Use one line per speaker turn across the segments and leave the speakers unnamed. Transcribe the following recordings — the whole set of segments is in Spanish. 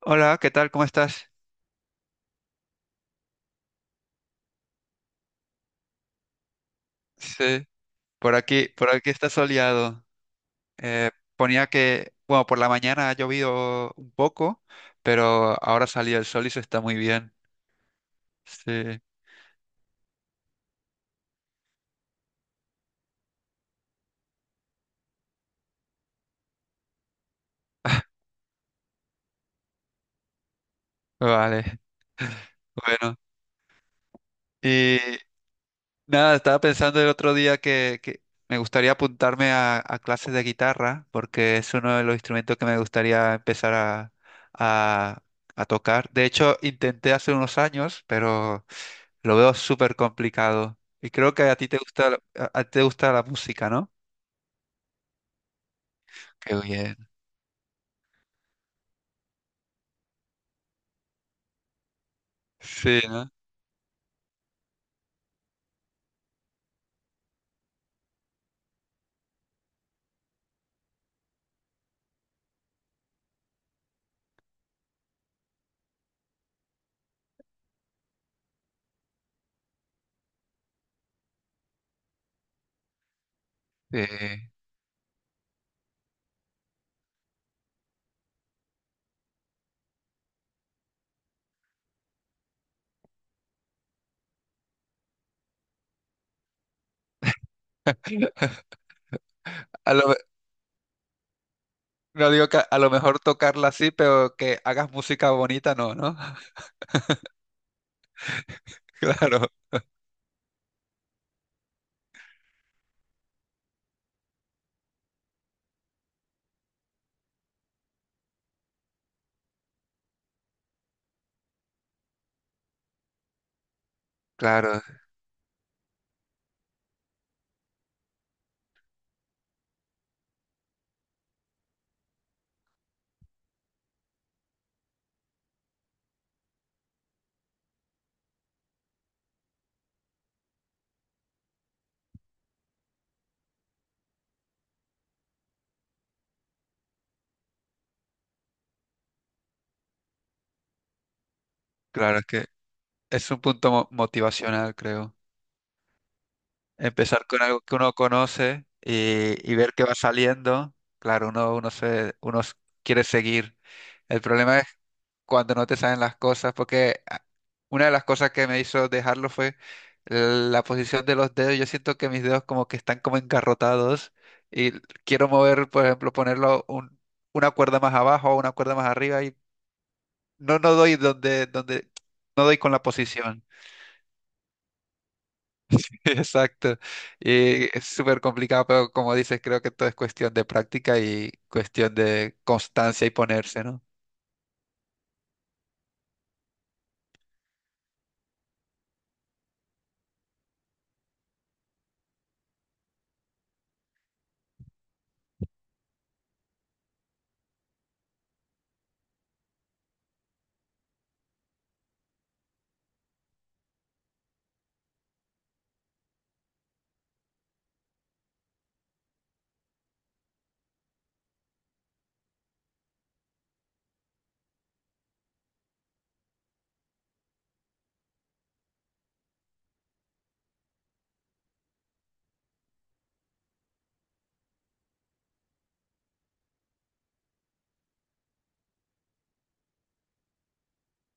Hola, ¿qué tal? ¿Cómo estás? Sí, por aquí está soleado. Eh, Ponía que, bueno, por la mañana ha llovido un poco, pero ahora salió el sol y se está muy bien. Sí, vale. Bueno, y nada, estaba pensando el otro día que me gustaría apuntarme a clases de guitarra, porque es uno de los instrumentos que me gustaría empezar a a tocar. De hecho, intenté hace unos años, pero lo veo súper complicado. Y creo que a ti te gusta, a ti te gusta la música, ¿no? Qué bien. Sí, ¿no? Sí. A lo, me- no digo que a lo mejor tocarla así, pero que hagas música bonita, no, ¿no? Claro, claro, claro, es que es un punto motivacional, creo. Empezar con algo que uno conoce y ver qué va saliendo. Claro, uno quiere seguir. El problema es cuando no te salen las cosas, porque una de las cosas que me hizo dejarlo fue la posición de los dedos. Yo siento que mis dedos como que están como engarrotados y quiero mover, por ejemplo, una cuerda más abajo o una cuerda más arriba y no doy donde, no doy con la posición. Exacto. Y es súper complicado, pero como dices, creo que todo es cuestión de práctica y cuestión de constancia y ponerse, ¿no?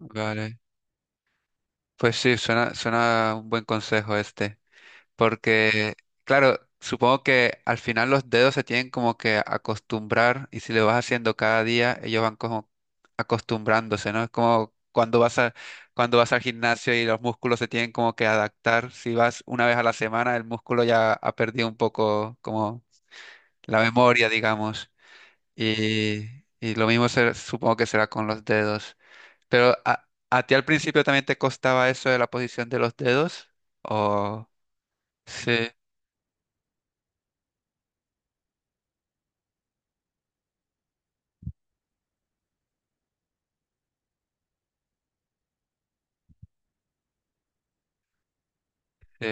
Vale. Pues sí, suena un buen consejo este, porque, claro, supongo que al final los dedos se tienen como que acostumbrar y si lo vas haciendo cada día, ellos van como acostumbrándose, ¿no? Es como cuando vas al gimnasio y los músculos se tienen como que adaptar, si vas una vez a la semana, el músculo ya ha perdido un poco como la memoria, digamos. Y, y lo mismo supongo que será con los dedos. Pero a ti al principio también te costaba eso de la posición de los dedos. O sí, sí,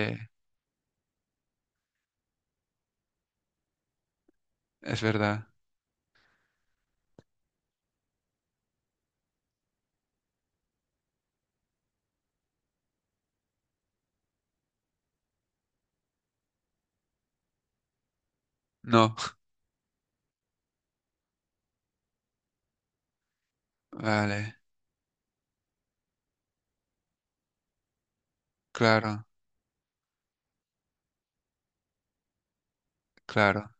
es verdad. No, vale, claro, claro.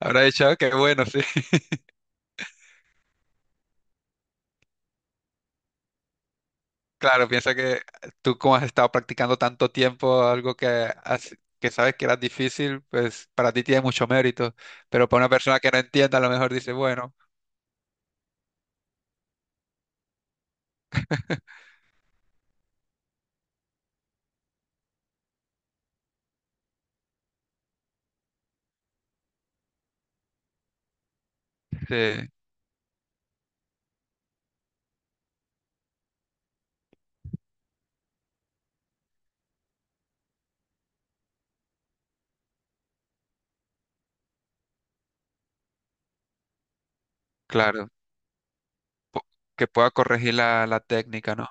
Habrá dicho, qué bueno, sí. Claro, piensa que tú como has estado practicando tanto tiempo algo que, que sabes que era difícil, pues para ti tiene mucho mérito. Pero para una persona que no entienda, a lo mejor dice, bueno, sí, claro. po- que pueda corregir la, la técnica, ¿no?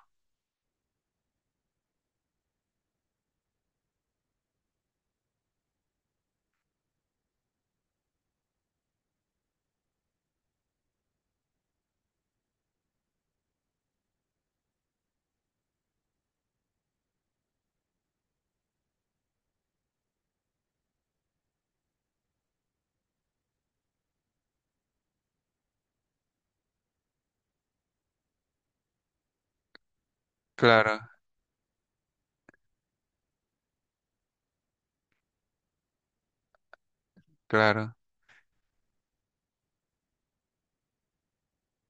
Claro, claro,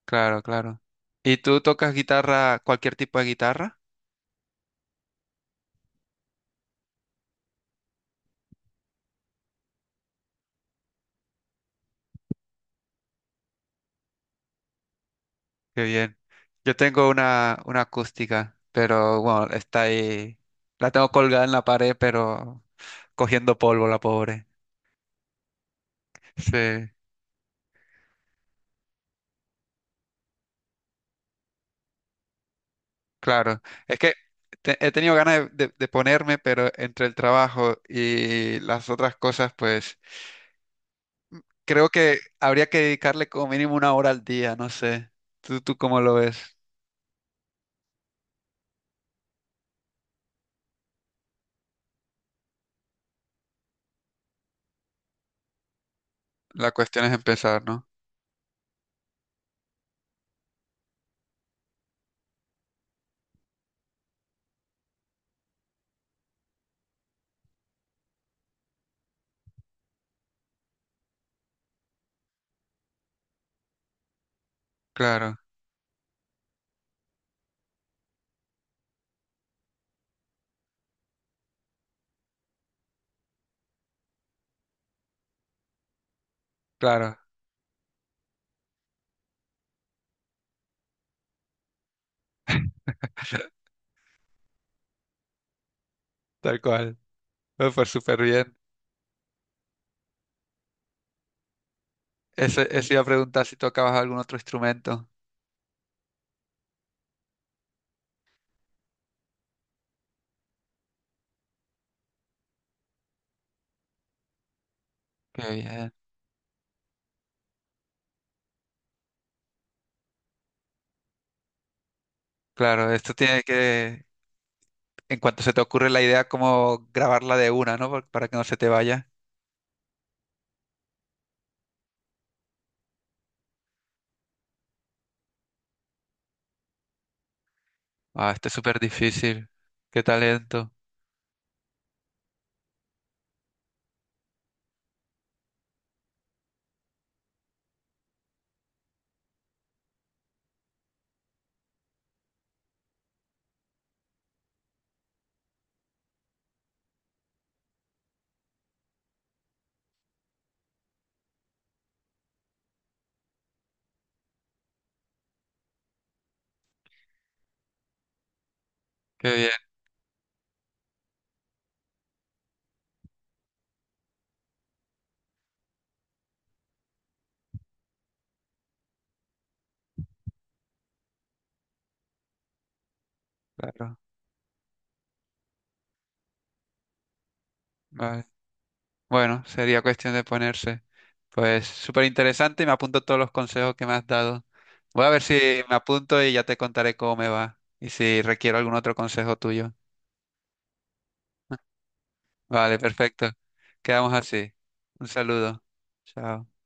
claro, claro. ¿Y tú tocas guitarra, cualquier tipo de guitarra? Qué bien. Yo tengo una acústica, pero bueno, está ahí. La tengo colgada en la pared, pero cogiendo polvo, la pobre. Sí, claro. Es que he tenido ganas de, de ponerme, pero entre el trabajo y las otras cosas, pues creo que habría que dedicarle como mínimo una hora al día, no sé. ¿Tú, tú cómo lo ves? La cuestión es empezar, ¿no? Claro, claro, tal cual. Me fue súper bien. Ese iba a preguntar si tocabas algún otro instrumento. Qué bien. Claro, esto tiene que, en cuanto se te ocurre la idea, como grabarla de una, ¿no? Por- Para que no se te vaya. Ah, esto es súper difícil. Qué talento. Qué bien. Claro. Vale. Bueno, sería cuestión de ponerse. Pues súper interesante y me apunto todos los consejos que me has dado. Voy a ver si me apunto y ya te contaré cómo me va y si requiero algún otro consejo tuyo. Vale, perfecto. Quedamos así. Un saludo. Chao.